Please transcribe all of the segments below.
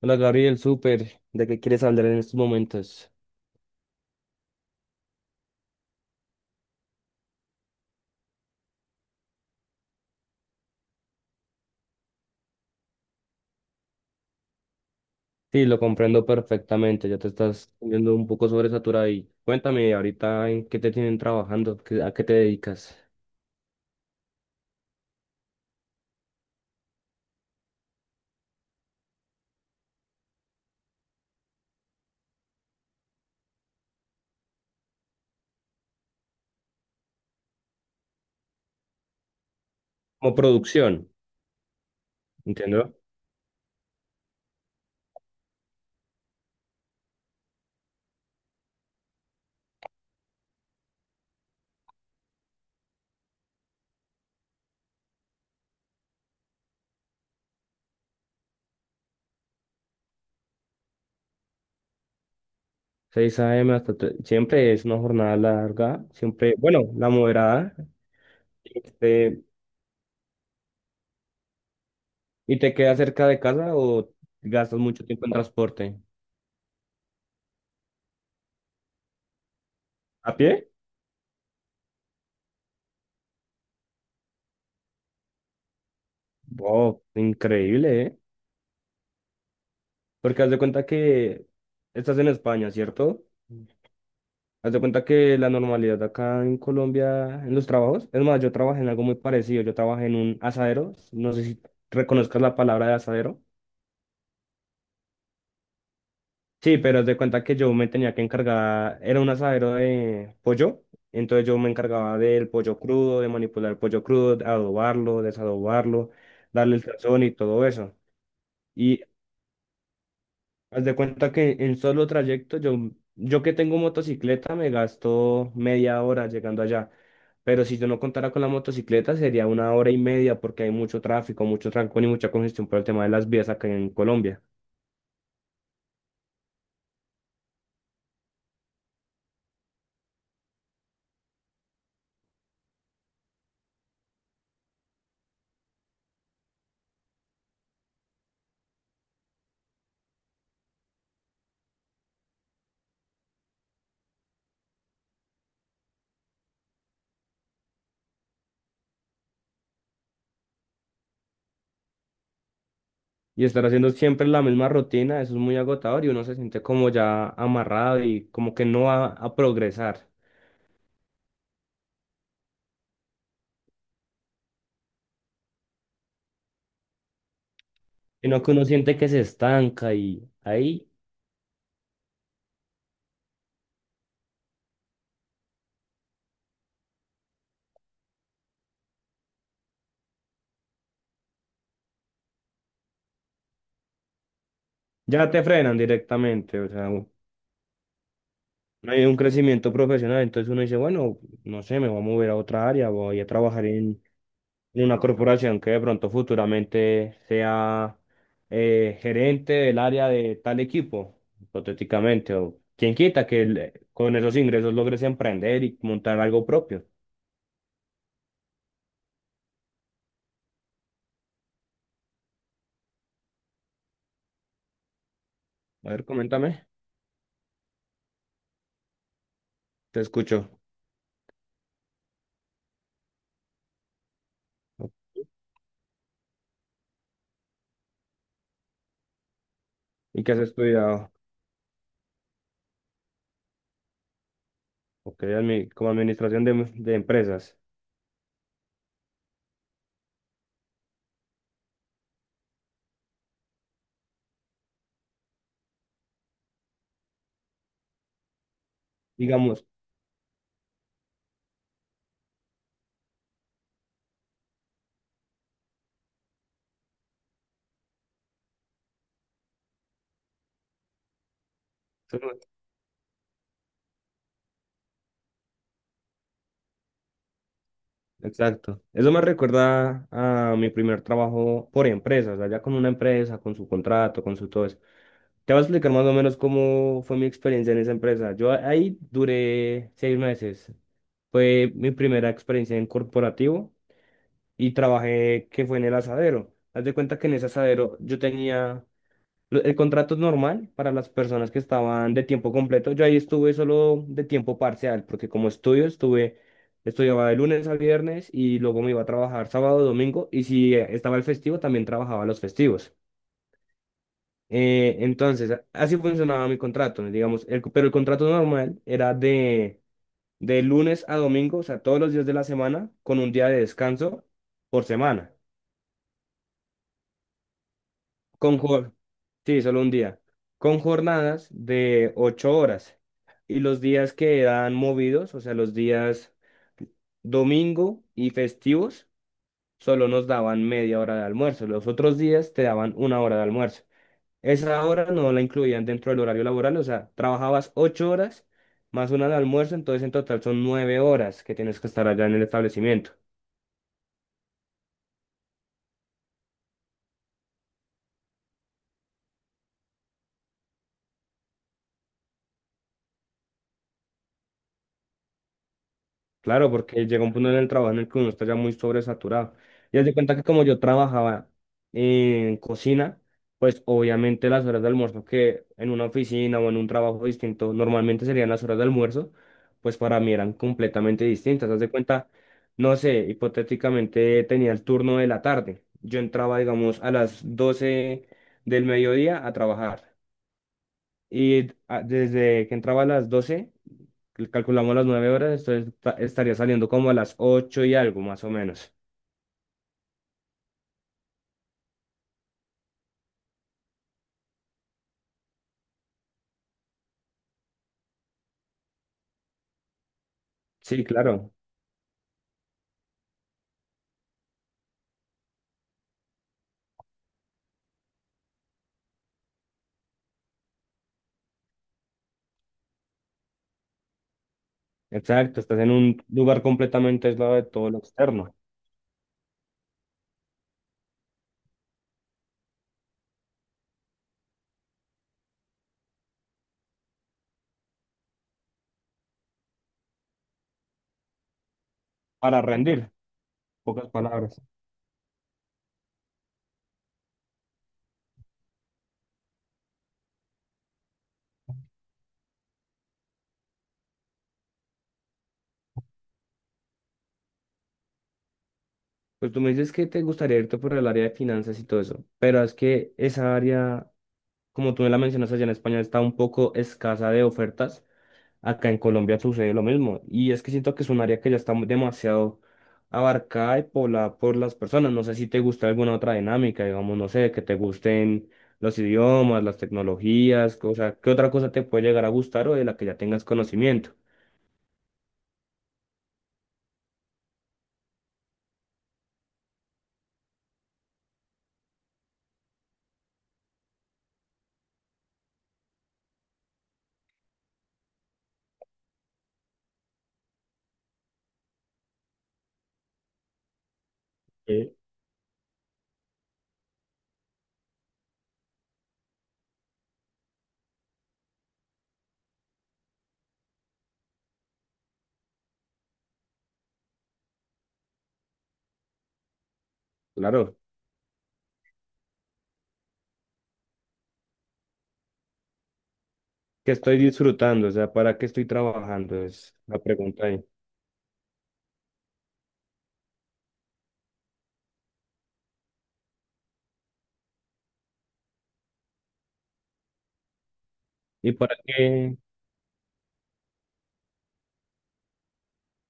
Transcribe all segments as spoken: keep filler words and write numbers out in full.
Hola Gabriel, súper. ¿De qué quieres hablar en estos momentos? Sí, lo comprendo perfectamente. Ya te estás viendo un poco sobresaturado y cuéntame ahorita en qué te tienen trabajando. ¿Qué- a qué te dedicas? Como producción, ¿entiendo? seis de la mañana hasta tre- Siempre es una jornada larga, siempre, bueno, la moderada. Este, ¿Y te quedas cerca de casa o gastas mucho tiempo en transporte? ¿A pie? Wow, increíble, ¿eh? Porque haz de cuenta que estás en España, ¿cierto? Haz de cuenta que la normalidad acá en Colombia, en los trabajos, es más, yo trabajé en algo muy parecido, yo trabajé en un asadero, no sé si reconozcas la palabra de asadero. Sí, pero haz de cuenta que yo me tenía que encargar, era un asadero de pollo, entonces yo me encargaba del pollo crudo, de manipular el pollo crudo, de adobarlo, desadobarlo, darle el sazón y todo eso. Y Haz de cuenta que en solo trayecto, yo, yo que tengo motocicleta, me gasto media hora llegando allá. Pero si yo no contara con la motocicleta, sería una hora y media porque hay mucho tráfico, mucho trancón y mucha congestión por el tema de las vías acá en Colombia. Y estar haciendo siempre la misma rutina, eso es muy agotador y uno se siente como ya amarrado y como que no va a progresar, sino que uno siente que se estanca y ahí ya te frenan directamente. O sea, no hay un crecimiento profesional, entonces uno dice, bueno, no sé, me voy a mover a otra área, voy a trabajar en, en una corporación que de pronto futuramente sea eh, gerente del área de tal equipo, hipotéticamente, o quien quita que el- con esos ingresos logres emprender y montar algo propio. A ver, coméntame, te escucho. ¿Y qué has estudiado? Ok, admi- como administración de, de empresas. Digamos, exacto. Eso me recuerda a mi primer trabajo por empresas, allá con una empresa, con su contrato, con su todo eso. Te voy a explicar más o menos cómo fue mi experiencia en esa empresa. Yo a- ahí duré seis meses. Fue mi primera experiencia en corporativo y trabajé que fue en el asadero. Haz de cuenta que en ese asadero yo tenía lo- el contrato es normal para las personas que estaban de tiempo completo. Yo ahí estuve solo de tiempo parcial, porque como estudio, estuve, estudiaba de lunes a viernes y luego me iba a trabajar sábado, domingo, y si eh, estaba el festivo, también trabajaba los festivos. Eh, entonces, a- así funcionaba mi contrato, ¿no? Digamos, el, co- pero el contrato normal era de, de lunes a domingo, o sea, todos los días de la semana, con un día de descanso por semana. Con jor- sí, solo un día. Con jornadas de ocho horas. Y los días que dan movidos, o sea, los días domingo y festivos, solo nos daban media hora de almuerzo. Los otros días te daban una hora de almuerzo. Esa hora no la incluían dentro del horario laboral, o sea, trabajabas ocho horas más una de almuerzo, entonces en total son nueve horas que tienes que estar allá en el establecimiento. Claro, porque llega un punto en el trabajo en el que uno está ya muy sobresaturado. Y haz de cuenta que como yo trabajaba en cocina, pues obviamente las horas de almuerzo que en una oficina o en un trabajo distinto normalmente serían las horas de almuerzo, pues para mí eran completamente distintas. Haz de cuenta, no sé, hipotéticamente tenía el turno de la tarde. Yo entraba, digamos, a las doce del mediodía a trabajar. Y ah, desde que entraba a las doce cal- calculamos las nueve horas, entonces ta- estaría saliendo como a las ocho y algo, más o menos. Sí, claro, exacto, estás en un lugar completamente aislado de todo lo externo, para rendir, pocas palabras. Pues tú me dices que te gustaría irte por el área de finanzas y todo eso, pero es que esa área, como tú me la mencionas allá en España, está un poco escasa de ofertas. Acá en Colombia sucede lo mismo. Y es que siento que es un área que ya está mu- demasiado abarcada y poblada por las personas. No sé si te gusta alguna otra dinámica, digamos, no sé, que te gusten los idiomas, las tecnologías, o sea, ¿qué otra cosa te puede llegar a gustar o de la que ya tengas conocimiento? Eh, Claro, que estoy disfrutando, o sea, ¿para qué estoy trabajando? Es la pregunta ahí. ¿Y para qué,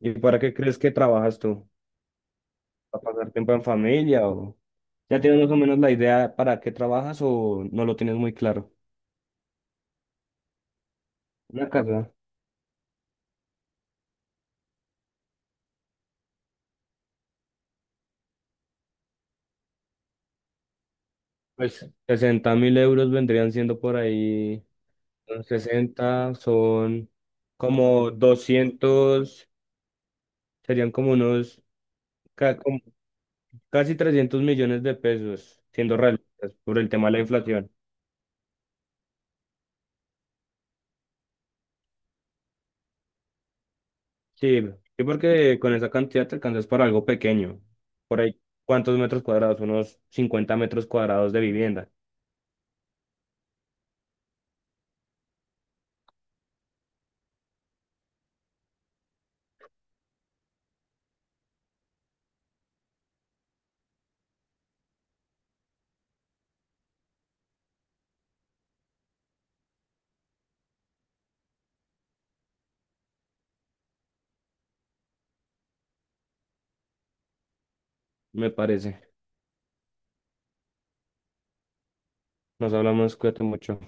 ¿Y para qué crees que trabajas tú? ¿Para pasar tiempo en familia o ya tienes más o menos la idea para qué trabajas o no lo tienes muy claro? Una casa. Pues sesenta mil euros vendrían siendo por ahí. son sesenta son como doscientos, serían como unos ca- como casi trescientos millones de pesos, siendo realistas, por el tema de la inflación. Sí, sí, porque con esa cantidad te alcanzas para algo pequeño. Por ahí, ¿cuántos metros cuadrados? Unos cincuenta metros cuadrados de vivienda, me parece. Nos hablamos, cuídate mucho.